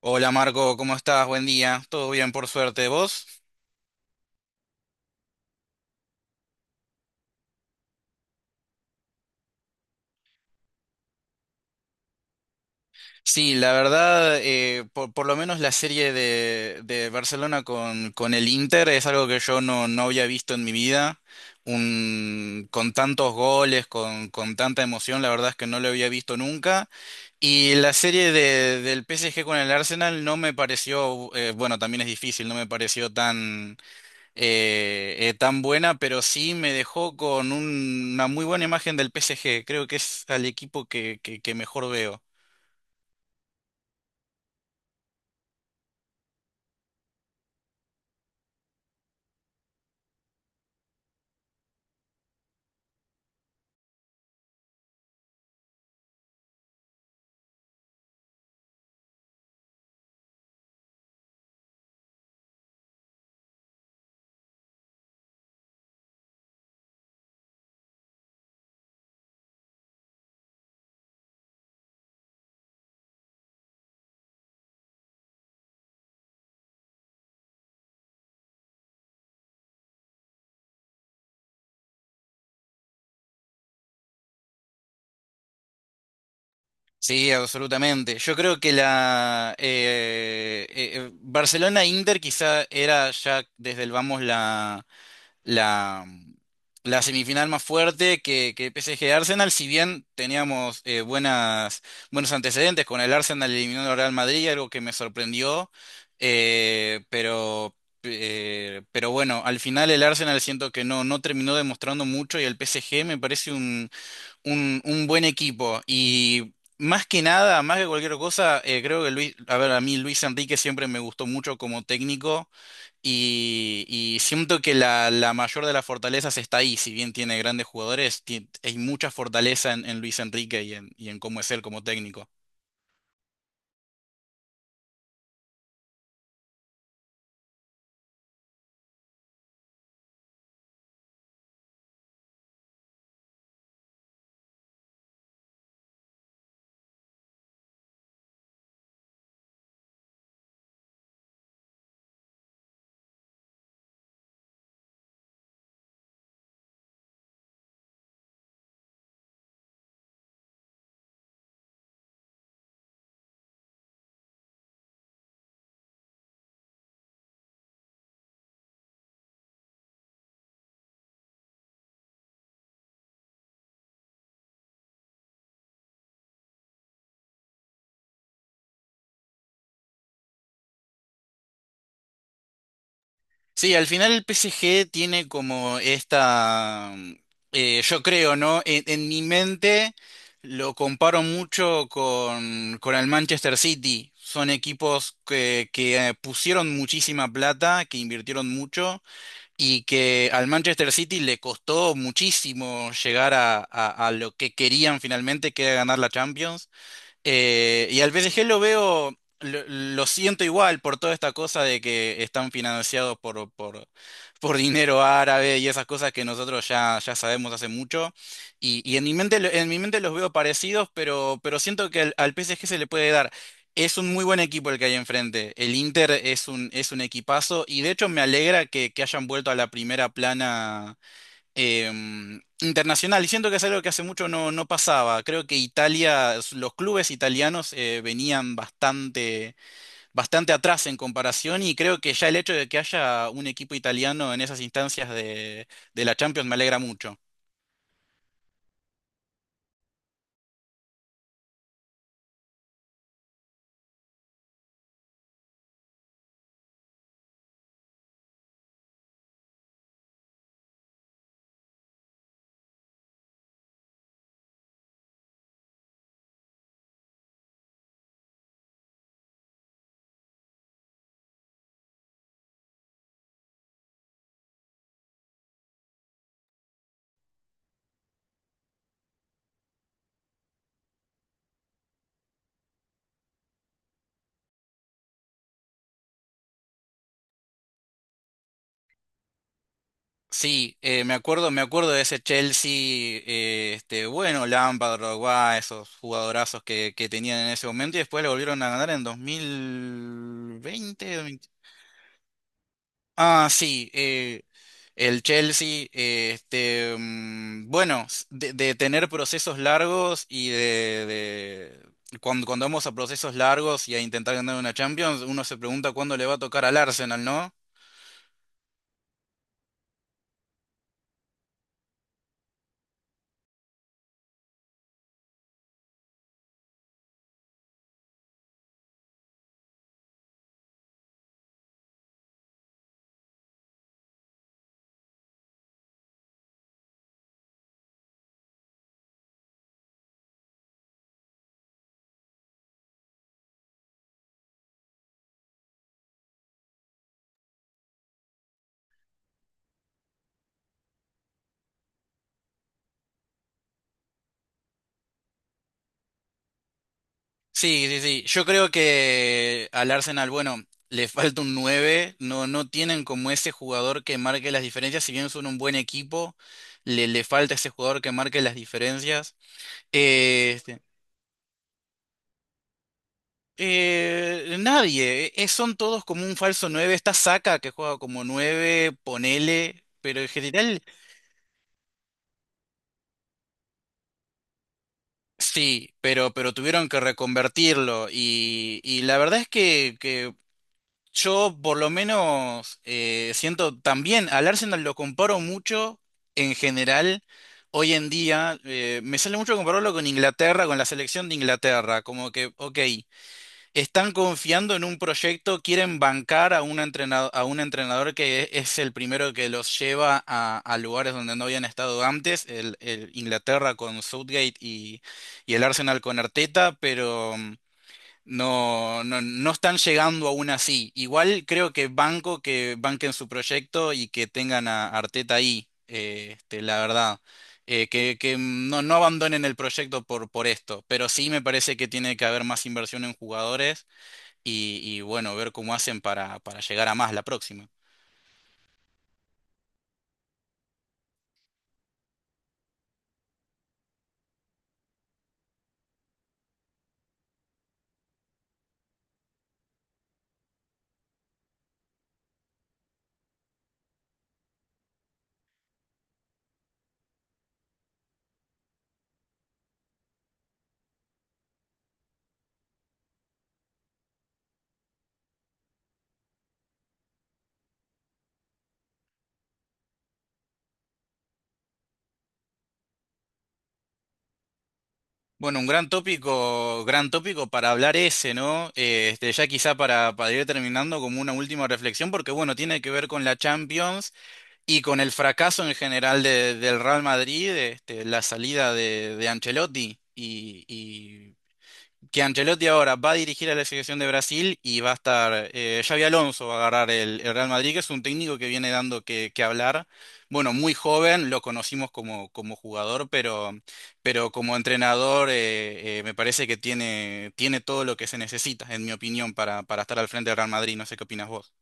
Hola Marco, ¿cómo estás? Buen día. ¿Todo bien por suerte? ¿Vos? Sí, la verdad, por lo menos la serie de Barcelona con el Inter es algo que yo no había visto en mi vida. Con tantos goles, con tanta emoción, la verdad es que no lo había visto nunca. Y la serie del PSG con el Arsenal no me pareció, bueno, también es difícil, no me pareció tan buena, pero sí me dejó con una muy buena imagen del PSG. Creo que es al equipo que mejor veo. Sí, absolutamente. Yo creo que la Barcelona-Inter quizá era ya desde el vamos la, la semifinal más fuerte que PSG-Arsenal, si bien teníamos buenos antecedentes con el Arsenal eliminando al Real Madrid, algo que me sorprendió, eh, pero, pero bueno, al final el Arsenal siento que no terminó demostrando mucho y el PSG me parece un buen equipo. Más que nada, más que cualquier cosa, creo que a ver, a mí Luis Enrique siempre me gustó mucho como técnico. Y siento que la mayor de las fortalezas está ahí, si bien tiene grandes jugadores, hay mucha fortaleza en Luis Enrique y y en cómo es él como técnico. Sí, al final el PSG tiene como yo creo, ¿no? En mi mente lo comparo mucho con el Manchester City. Son equipos que pusieron muchísima plata, que invirtieron mucho y que al Manchester City le costó muchísimo llegar a lo que querían finalmente, que era ganar la Champions. Y al PSG lo siento igual por toda esta cosa de que están financiados por dinero árabe y esas cosas que nosotros ya sabemos hace mucho. Y en mi mente, los veo parecidos, pero siento que al PSG se le puede dar. Es un muy buen equipo el que hay enfrente. El Inter es un equipazo y de hecho me alegra que hayan vuelto a la primera plana internacional. Y siento que es algo que hace mucho no pasaba. Creo que los clubes italianos venían bastante, bastante atrás en comparación y creo que ya el hecho de que haya un equipo italiano en esas instancias de la Champions me alegra mucho. Sí, me acuerdo de ese Chelsea, bueno, Lampard, Drogba, esos jugadorazos que tenían en ese momento y después lo volvieron a ganar en 2020. Ah, sí, el Chelsea, bueno, de tener procesos largos y cuando vamos a procesos largos y a intentar ganar una Champions, uno se pregunta cuándo le va a tocar al Arsenal, ¿no? Sí, sí, sí, yo creo que al Arsenal, bueno, le falta un 9, no tienen como ese jugador que marque las diferencias, si bien son un buen equipo, le falta ese jugador que marque las diferencias. eh, este, Nadie, son todos como un falso nueve. Está Saka que juega como 9 ponele, pero en general. Sí, pero tuvieron que reconvertirlo. Y la verdad es que yo por lo menos siento también, al Arsenal lo comparo mucho en general. Hoy en día me sale mucho compararlo con Inglaterra, con la selección de Inglaterra, como que, ok. Están confiando en un proyecto, quieren bancar a un entrenador que es el primero que los lleva a lugares donde no habían estado antes, el Inglaterra con Southgate y el Arsenal con Arteta, pero no están llegando aún así. Igual creo que banco que banquen su proyecto y que tengan a Arteta ahí, la verdad. Que no abandonen el proyecto por esto, pero sí me parece que tiene que haber más inversión en jugadores y bueno, ver cómo hacen para llegar a más la próxima. Bueno, un gran tópico para hablar ese, ¿no? Ya quizá para ir terminando como una última reflexión, porque bueno, tiene que ver con la Champions y con el fracaso en general del Real Madrid, la salida de Ancelotti que Ancelotti ahora va a dirigir a la selección de Brasil y va a estar, Xabi Alonso va a agarrar el Real Madrid, que es un técnico que viene dando que hablar. Bueno, muy joven, lo conocimos como jugador, pero como entrenador me parece que tiene todo lo que se necesita, en mi opinión, para estar al frente del Real Madrid. No sé qué opinas vos.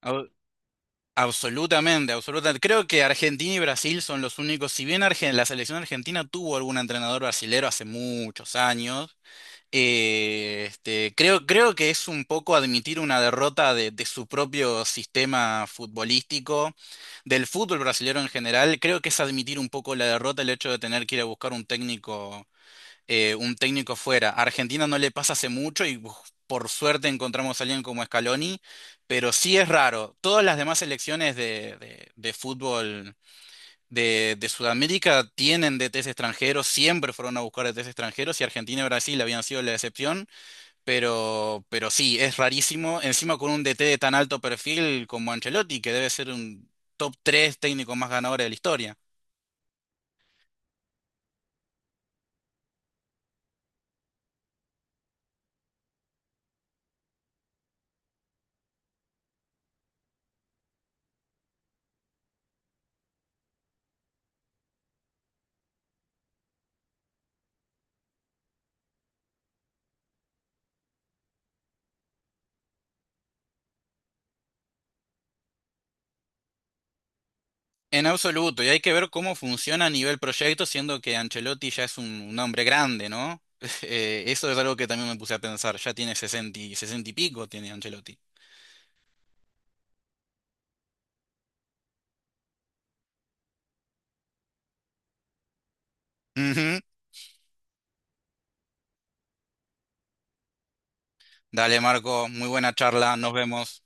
Au- Absolutamente, absolutamente. Creo que Argentina y Brasil son los únicos, si bien la selección argentina tuvo algún entrenador brasilero hace muchos años. Creo que es un poco admitir una derrota de su propio sistema futbolístico, del fútbol brasileño en general. Creo que es admitir un poco la derrota el hecho de tener que ir a buscar un técnico fuera. A Argentina no le pasa hace mucho y uf, por suerte encontramos a alguien como Scaloni, pero sí es raro. Todas las demás selecciones de fútbol. De Sudamérica tienen DTs extranjeros, siempre fueron a buscar DTs extranjeros y Argentina y Brasil habían sido la excepción. Pero sí, es rarísimo. Encima con un DT de tan alto perfil como Ancelotti, que debe ser un top 3 técnico más ganador de la historia. En absoluto, y hay que ver cómo funciona a nivel proyecto, siendo que Ancelotti ya es un hombre grande, ¿no? Eso es algo que también me puse a pensar. Ya tiene 60 y pico, tiene Ancelotti. Ujú. Dale, Marco, muy buena charla, nos vemos.